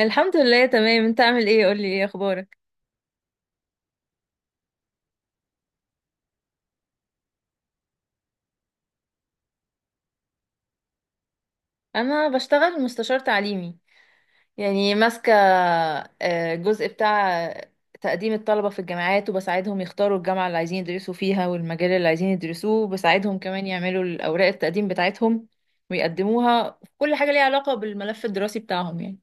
الحمد لله، تمام. انت عامل ايه؟ قولي، ايه اخبارك؟ انا بشتغل مستشار تعليمي، يعني ماسكه جزء بتاع تقديم الطلبه في الجامعات، وبساعدهم يختاروا الجامعه اللي عايزين يدرسوا فيها والمجال اللي عايزين يدرسوه، وبساعدهم كمان يعملوا الاوراق التقديم بتاعتهم ويقدموها في كل حاجه ليها علاقه بالملف الدراسي بتاعهم يعني.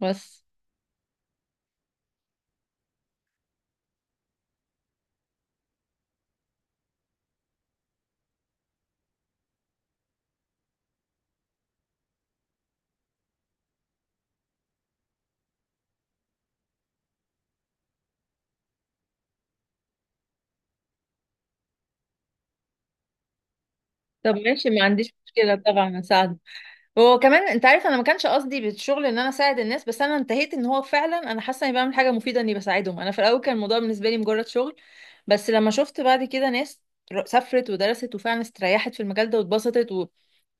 بس. طب ماشي، ما عنديش مشكله طبعا، هساعدك. وكمان انت عارف، انا ما كانش قصدي بالشغل ان انا اساعد الناس، بس انا انتهيت ان هو فعلا انا حاسه اني بعمل حاجه مفيده اني بساعدهم. انا في الاول كان الموضوع بالنسبه لي مجرد شغل، بس لما شفت بعد كده ناس سافرت ودرست وفعلا استريحت في المجال ده واتبسطت،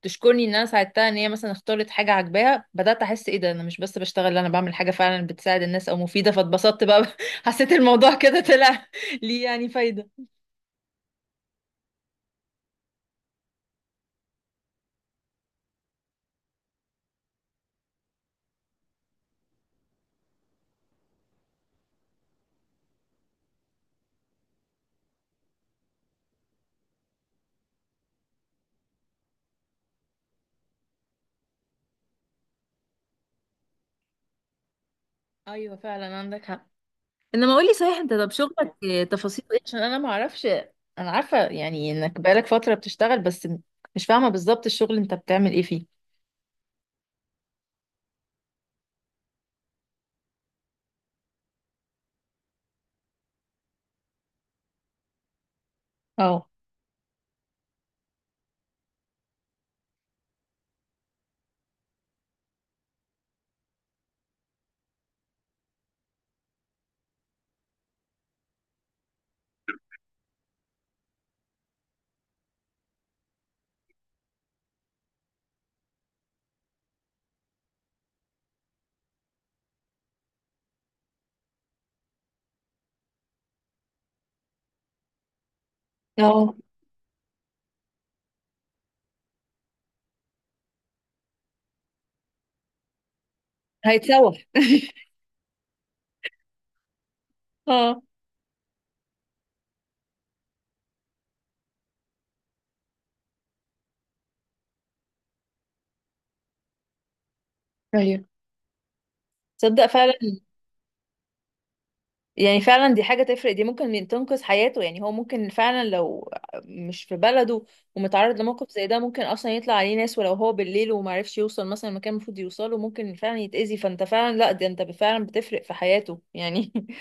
وتشكرني ان انا ساعدتها ان هي مثلا اختارت حاجه عاجباها، بدات احس ايه ده، انا مش بس بشتغل، لا، انا بعمل حاجه فعلا بتساعد الناس او مفيده، فاتبسطت بقى حسيت الموضوع كده طلع ليه يعني فايده. ايوه فعلا، عندك حق. انما قولي صحيح انت، طب شغلك تفاصيل ايه؟ عشان انا ما اعرفش. انا عارفة يعني انك بقالك فترة بتشتغل، بس مش فاهمة بالظبط الشغل انت بتعمل ايه فيه. اه. اه، هيتسوح. اه. ايوه، تصدق فعلا. يعني فعلا دي حاجة تفرق، دي ممكن تنقذ حياته يعني. هو ممكن فعلا لو مش في بلده ومتعرض لموقف زي ده، ممكن اصلا يطلع عليه ناس، ولو هو بالليل ومعرفش يوصل مثلا المكان المفروض يوصله، ممكن فعلا يتأذي، فانت فعلا لا، ده انت فعلا بتفرق في حياته يعني.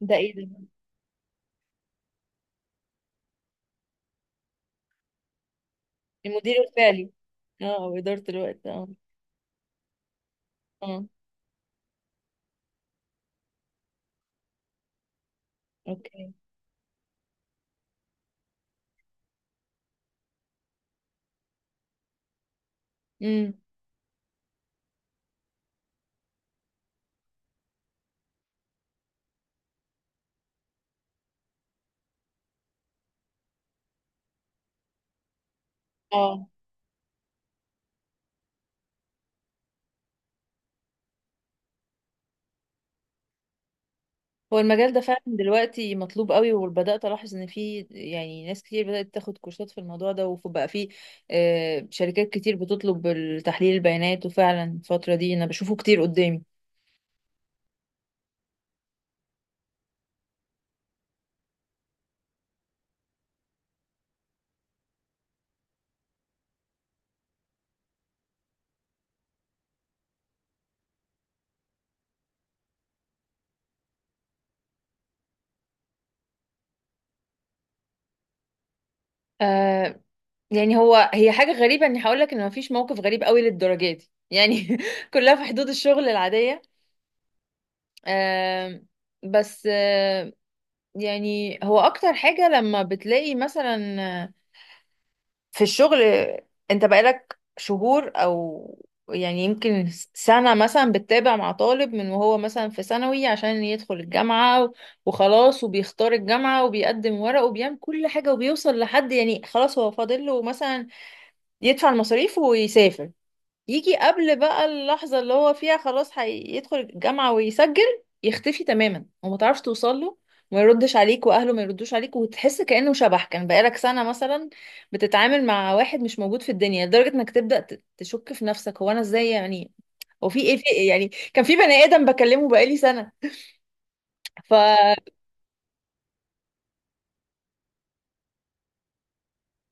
ده ايه ده؟ المدير الفعلي. اه، او اداره الوقت، اه. اه. اوكي. امم. اه. هو المجال ده فعلا دلوقتي مطلوب قوي، وبدات الاحظ ان في يعني ناس كتير بدات تاخد كورسات في الموضوع ده، وبقى في آه شركات كتير بتطلب تحليل البيانات، وفعلا الفتره دي انا بشوفه كتير قدامي. آه، يعني هو هي حاجه غريبه اني هقول لك ان مفيش موقف غريب قوي للدرجه دي يعني كلها في حدود الشغل العاديه. آه بس آه، يعني هو اكتر حاجة لما بتلاقي مثلا في الشغل، انت بقالك شهور او يعني يمكن سنة مثلا بتتابع مع طالب من وهو مثلا في ثانوي عشان يدخل الجامعة، وخلاص وبيختار الجامعة وبيقدم ورق وبيعمل كل حاجة وبيوصل لحد، يعني خلاص هو فاضل له مثلا يدفع المصاريف ويسافر، يجي قبل بقى اللحظة اللي هو فيها خلاص هيدخل الجامعة ويسجل، يختفي تماما وما تعرفش توصل له، وما يردش عليك واهله ما يردوش عليك، وتحس كأنه شبح. كان بقالك سنة مثلا بتتعامل مع واحد مش موجود في الدنيا، لدرجة انك تبدأ تشك في نفسك، هو انا ازاي يعني، هو في ايه؟ في إيه؟ يعني كان في بني آدم بكلمه بقالي سنة، ف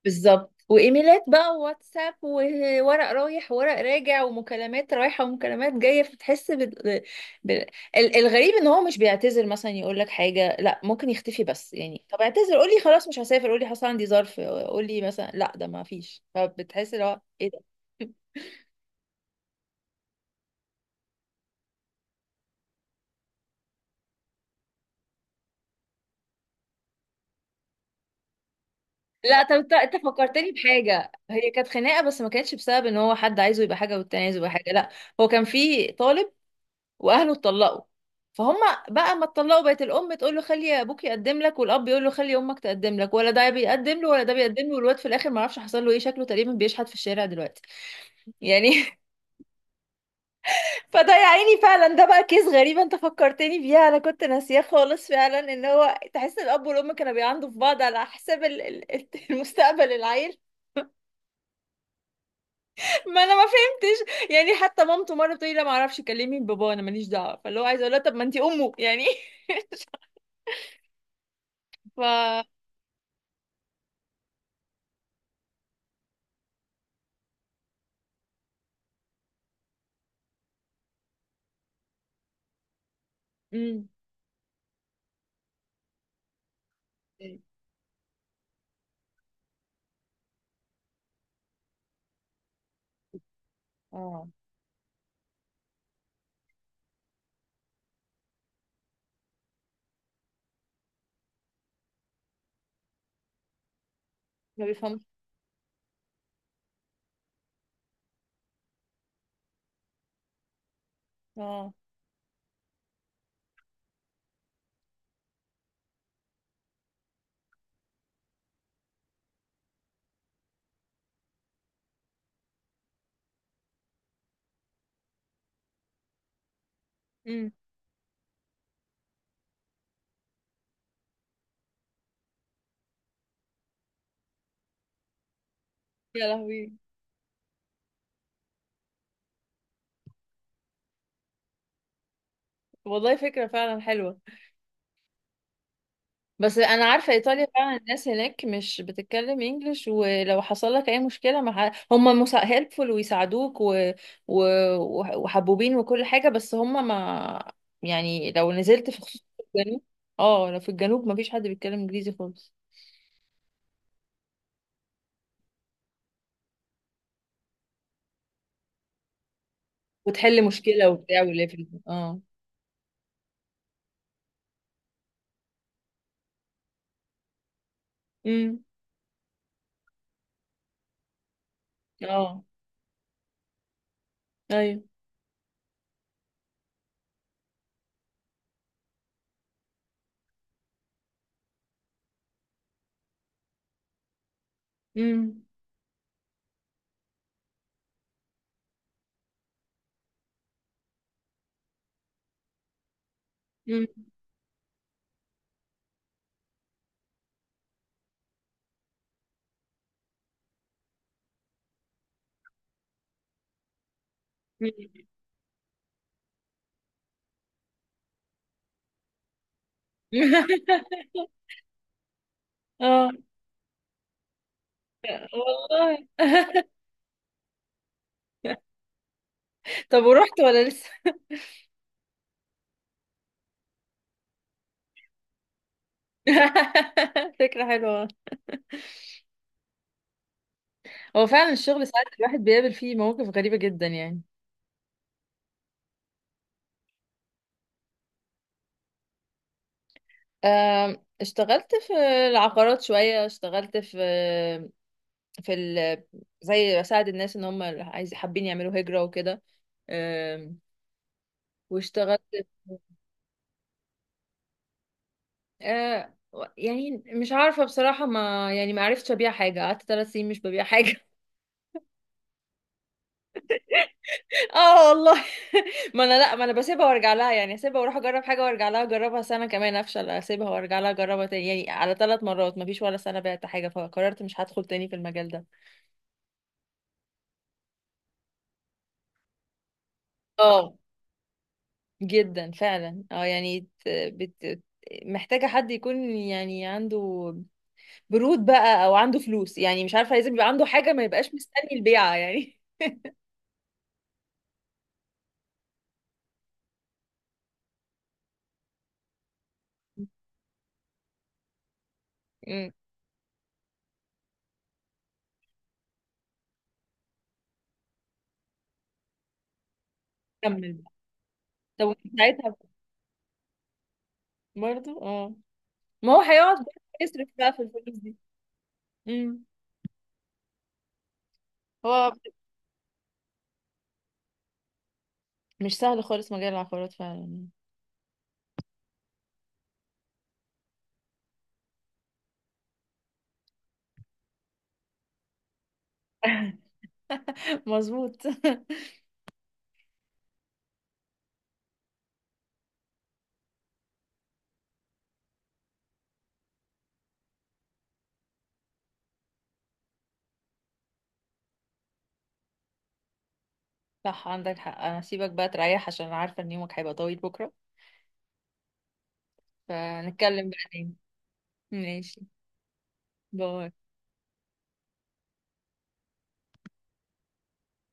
بالظبط. وايميلات بقى وواتساب، وورق رايح وورق راجع، ومكالمات رايحه ومكالمات جايه، فتحس بال... الغريب ان هو مش بيعتذر مثلا، يقول لك حاجه، لا ممكن يختفي بس. يعني طب اعتذر، قول لي خلاص مش هسافر، قول لي حصل عندي ظرف، قول لي مثلا لا، ده ما فيش، فبتحس اللي هو ايه ده. لا طب، انت فكرتني بحاجه. هي كانت خناقه بس ما كانتش بسبب ان هو حد عايزه يبقى حاجه والتاني عايزه يبقى حاجه، لا. هو كان في طالب واهله اتطلقوا، فهم بقى ما اتطلقوا بقت الام تقول له خلي ابوك يقدم لك، والاب يقول له خلي امك تقدم لك، ولا ده بيقدم له ولا ده بيقدم له، والواد في الاخر ما اعرفش حصل له ايه، شكله تقريبا بيشحت في الشارع دلوقتي يعني. فده يا عيني فعلا، ده بقى كيس غريب، انت فكرتني بيها، انا كنت ناسياه خالص. فعلا ان هو تحس ان الاب والام كانوا بيعندوا في بعض على حساب المستقبل العيل. ما انا ما فهمتش يعني، حتى مامته مره بتقولي لا ما اعرفش كلمي بابا، انا ماليش دعوه، فاللي هو عايزه اقول لها طب ما انت امه يعني. ف مم. اه. ما بيفهمش. اه. امم. يا لهوي. والله فكرة فعلا حلوة، بس انا عارفة ايطاليا فعلا الناس هناك مش بتتكلم انجلش، ولو حصل لك اي مشكلة مع هم هيلبفول ويساعدوك و... وحبوبين وكل حاجة، بس هم ما، يعني لو نزلت في خصوص في الجنوب، اه لو في الجنوب ما فيش حد بيتكلم انجليزي خالص. وتحل مشكلة وبتاع وليفل، اه. امم. اه. ايوه. امم. امم. اه والله. طب ورحت ولا لسه؟ فكرة حلوة. هو فعلا الشغل ساعات الواحد بيقابل فيه مواقف غريبة جدا يعني. آم، اشتغلت في العقارات شوية، اشتغلت في ال... زي بساعد الناس ان هم عايز حابين يعملوا هجرة وكده. آم، واشتغلت. آه، يعني مش عارفة بصراحة، ما يعني ما عرفتش ابيع حاجة، قعدت 3 سنين مش ببيع حاجة. اه والله. ما انا لا، ما انا بسيبها وارجع لها يعني، اسيبها واروح اجرب حاجه وارجع لها، اجربها سنه كمان افشل، اسيبها وارجع لها اجربها تاني، يعني على 3 مرات ما فيش ولا سنه بعت حاجه، فقررت مش هدخل تاني في المجال ده. اه. جدا فعلا، اه. يعني محتاجه حد يكون يعني عنده برود بقى او عنده فلوس، يعني مش عارفه، لازم يبقى عنده حاجه ما يبقاش مستني البيعه يعني. امم. كمل بقى. طب وفي ساعتها برضه اه، ما هو هيقعد بقى يصرف بقى في الفلوس دي. امم. هو مش سهل خالص مجال العقارات فعلا. مظبوط. صح عندك حق، انا سيبك بقى تريح، عشان أنا عارفة ان يومك هيبقى طويل بكرة. فنتكلم بعدين. ماشي. باي.